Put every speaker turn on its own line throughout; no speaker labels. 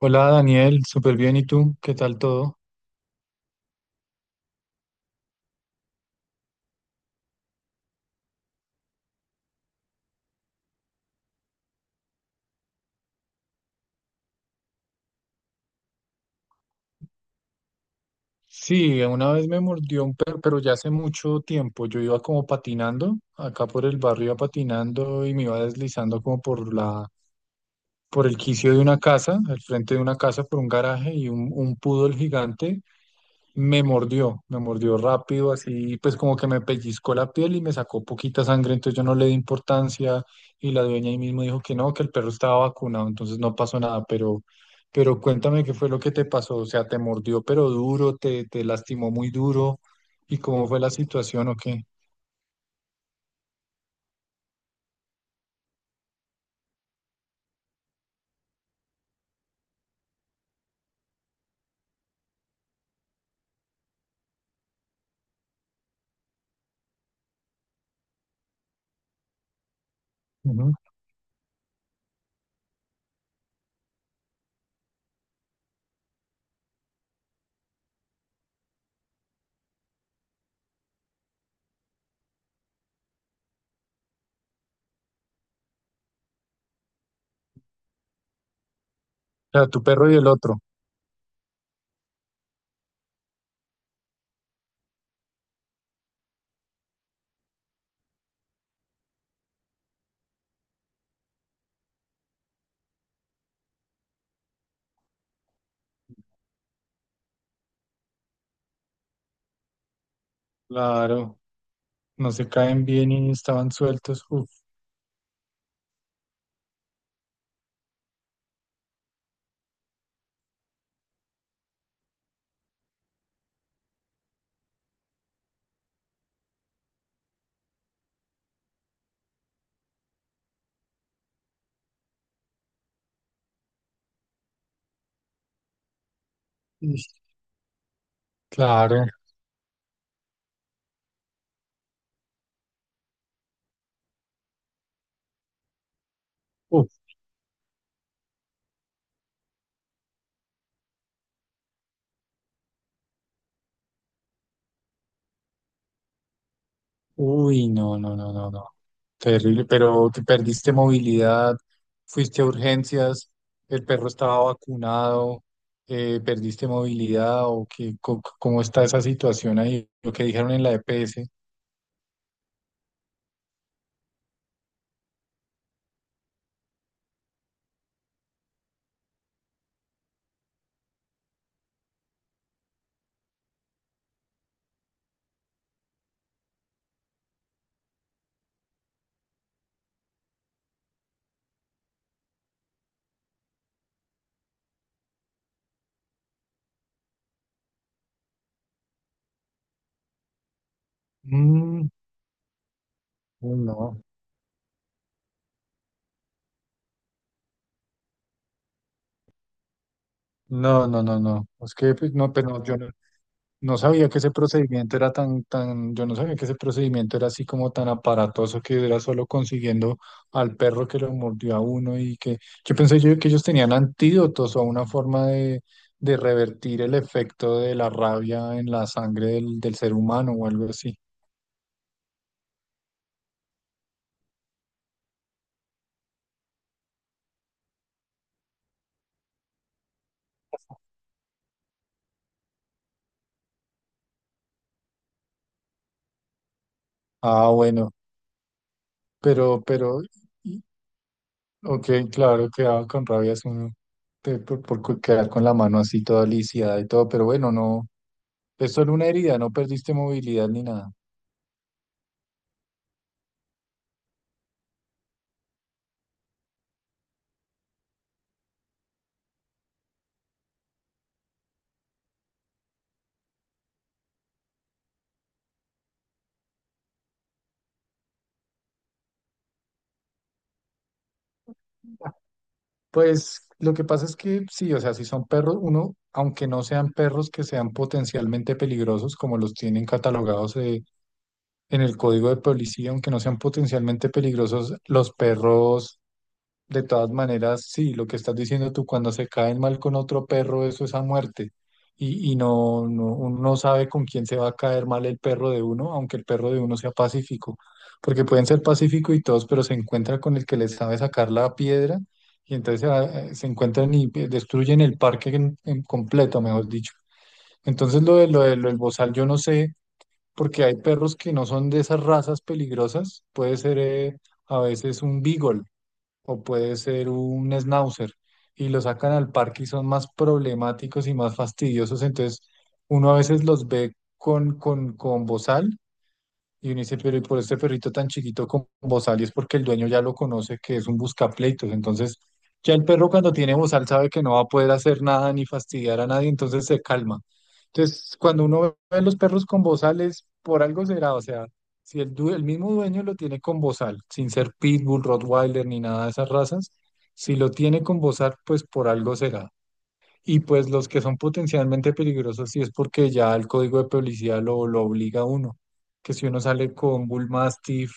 Hola Daniel, súper bien. ¿Y tú? ¿Qué tal todo? Sí, una vez me mordió un perro, pero ya hace mucho tiempo. Yo iba como patinando, acá por el barrio iba patinando y me iba deslizando como por por el quicio de una casa, al frente de una casa, por un garaje y un poodle gigante. Me mordió rápido, así pues como que me pellizcó la piel y me sacó poquita sangre, entonces yo no le di importancia y la dueña ahí mismo dijo que no, que el perro estaba vacunado, entonces no pasó nada, pero cuéntame qué fue lo que te pasó, o sea, te mordió pero duro, te lastimó muy duro y cómo fue la situación o qué. Ujú. O sea, tu perro y el otro, claro, no se caen bien y estaban sueltos, uf, ish, claro, uf. Uy, no, no, no, no, no. Terrible, pero te perdiste movilidad, fuiste a urgencias, el perro estaba vacunado, perdiste movilidad o qué, cómo está esa situación ahí, lo que dijeron en la EPS. Mm, uy, no, no, no, no, no. Es que pues, no, pero no, yo no. No sabía que ese procedimiento era yo no sabía que ese procedimiento era así como tan aparatoso, que era solo consiguiendo al perro que lo mordió a uno. Y que yo pensé yo que ellos tenían antídotos o una forma de revertir el efecto de la rabia en la sangre del ser humano o algo así. Ah, bueno, pero, pero, y- ok, claro, quedaba con rabia es uno por, quedar con la mano así toda lisiada y todo, pero bueno, no, es solo una herida, no perdiste movilidad ni nada. Pues lo que pasa es que sí, o sea, si son perros, uno, aunque no sean perros que sean potencialmente peligrosos, como los tienen catalogados, en el código de policía, aunque no sean potencialmente peligrosos, los perros de todas maneras, sí, lo que estás diciendo tú, cuando se caen mal con otro perro, eso es a muerte. Y no, no, uno no sabe con quién se va a caer mal el perro de uno, aunque el perro de uno sea pacífico. Porque pueden ser pacíficos y todos, pero se encuentra con el que les sabe sacar la piedra y entonces se encuentran y destruyen el parque en completo, mejor dicho. Entonces, lo del bozal, yo no sé, porque hay perros que no son de esas razas peligrosas. Puede ser, a veces un beagle o puede ser un schnauzer, y lo sacan al parque y son más problemáticos y más fastidiosos. Entonces, uno a veces los ve con, con bozal y uno dice, pero ¿y por este perrito tan chiquito con bozal? Y es porque el dueño ya lo conoce, que es un buscapleitos. Entonces, ya el perro cuando tiene bozal sabe que no va a poder hacer nada ni fastidiar a nadie, entonces se calma. Entonces, cuando uno ve los perros con bozales, por algo será. O sea, si el mismo dueño lo tiene con bozal, sin ser Pitbull, Rottweiler ni nada de esas razas, si lo tiene con bozal, pues por algo será. Y pues los que son potencialmente peligrosos sí es porque ya el código de publicidad lo obliga a uno. Que si uno sale con Bull Mastiff,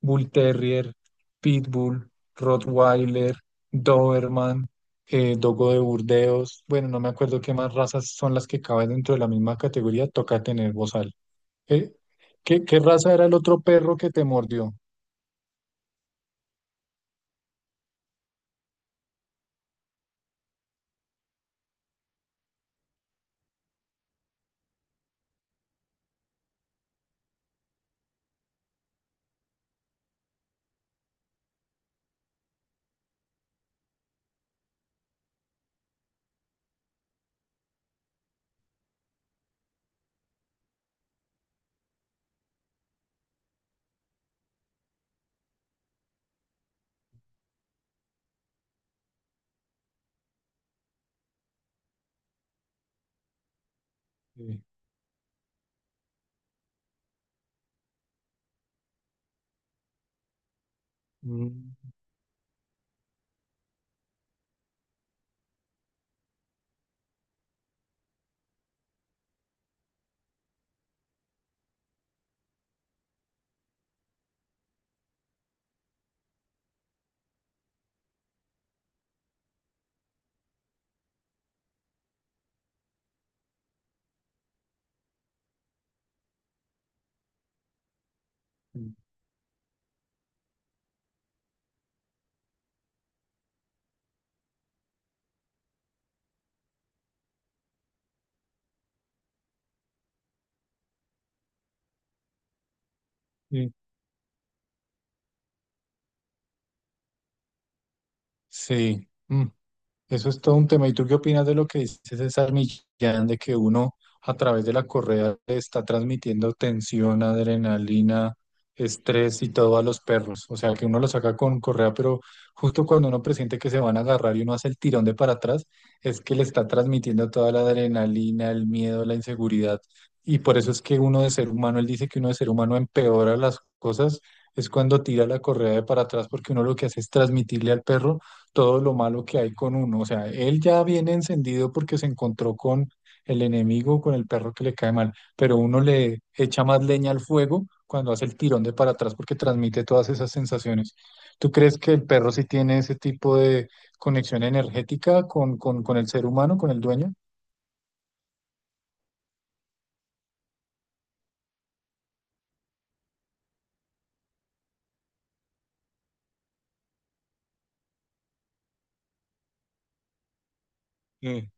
Bull Terrier, Pitbull, Rottweiler, Doberman, Dogo de Burdeos, bueno, no me acuerdo qué más razas son las que caben dentro de la misma categoría, toca tener bozal. Eh, qué raza era el otro perro que te mordió? Sí. Mm, sí. Sí. Mm. Eso es todo un tema. ¿Y tú qué opinas de lo que dice César Millán, de que uno a través de la correa le está transmitiendo tensión, adrenalina, estrés y todo a los perros? O sea, que uno lo saca con correa, pero justo cuando uno presiente que se van a agarrar y uno hace el tirón de para atrás, es que le está transmitiendo toda la adrenalina, el miedo, la inseguridad. Y por eso es que uno de ser humano, él dice que uno de ser humano empeora las cosas, es cuando tira la correa de para atrás, porque uno lo que hace es transmitirle al perro todo lo malo que hay con uno. O sea, él ya viene encendido porque se encontró con el enemigo, con el perro que le cae mal, pero uno le echa más leña al fuego cuando hace el tirón de para atrás, porque transmite todas esas sensaciones. ¿Tú crees que el perro sí tiene ese tipo de conexión energética con, con el ser humano, con el dueño? Mm.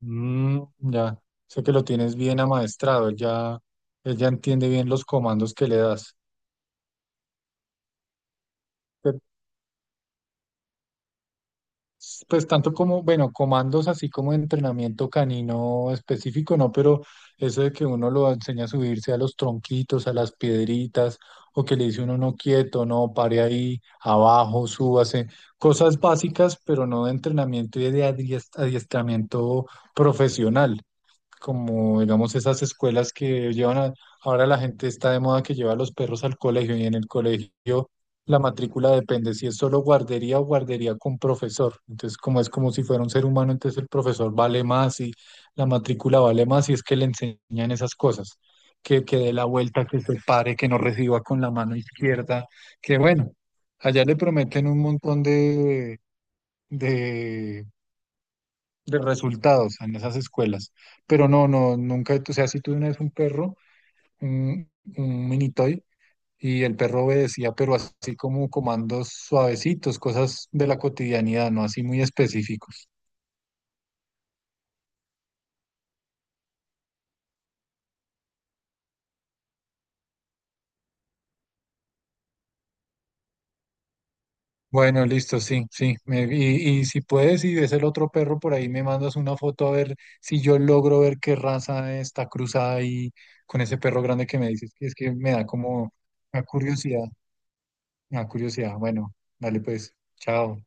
Mm, ya, sé que lo tienes bien amaestrado, él ya entiende bien los comandos que le das. Pues tanto como, bueno, comandos así como de entrenamiento canino específico, no, pero eso de que uno lo enseña a subirse a los tronquitos, a las piedritas, o que le dice uno no quieto, no, pare ahí, abajo, súbase, cosas básicas, pero no de entrenamiento y de adiestramiento profesional, como digamos esas escuelas que llevan a, ahora la gente está de moda que lleva a los perros al colegio, y en el colegio la matrícula depende si es solo guardería o guardería con profesor. Entonces, como es como si fuera un ser humano, entonces el profesor vale más y la matrícula vale más y es que le enseñan esas cosas. Que dé la vuelta, que se pare, que no reciba con la mano izquierda, que bueno, allá le prometen un montón de de resultados en esas escuelas. Pero no, no, nunca, o sea, si tuve una vez un perro, un, un mini toy, y el perro obedecía, pero así como comandos suavecitos, cosas de la cotidianidad, no así muy específicos. Bueno, listo, sí, sí. Y, y si puedes, y ves el otro perro por ahí, me mandas una foto a ver si yo logro ver qué raza está cruzada ahí con ese perro grande que me dices, que es que me da como una curiosidad, una curiosidad. Bueno, dale pues, chao.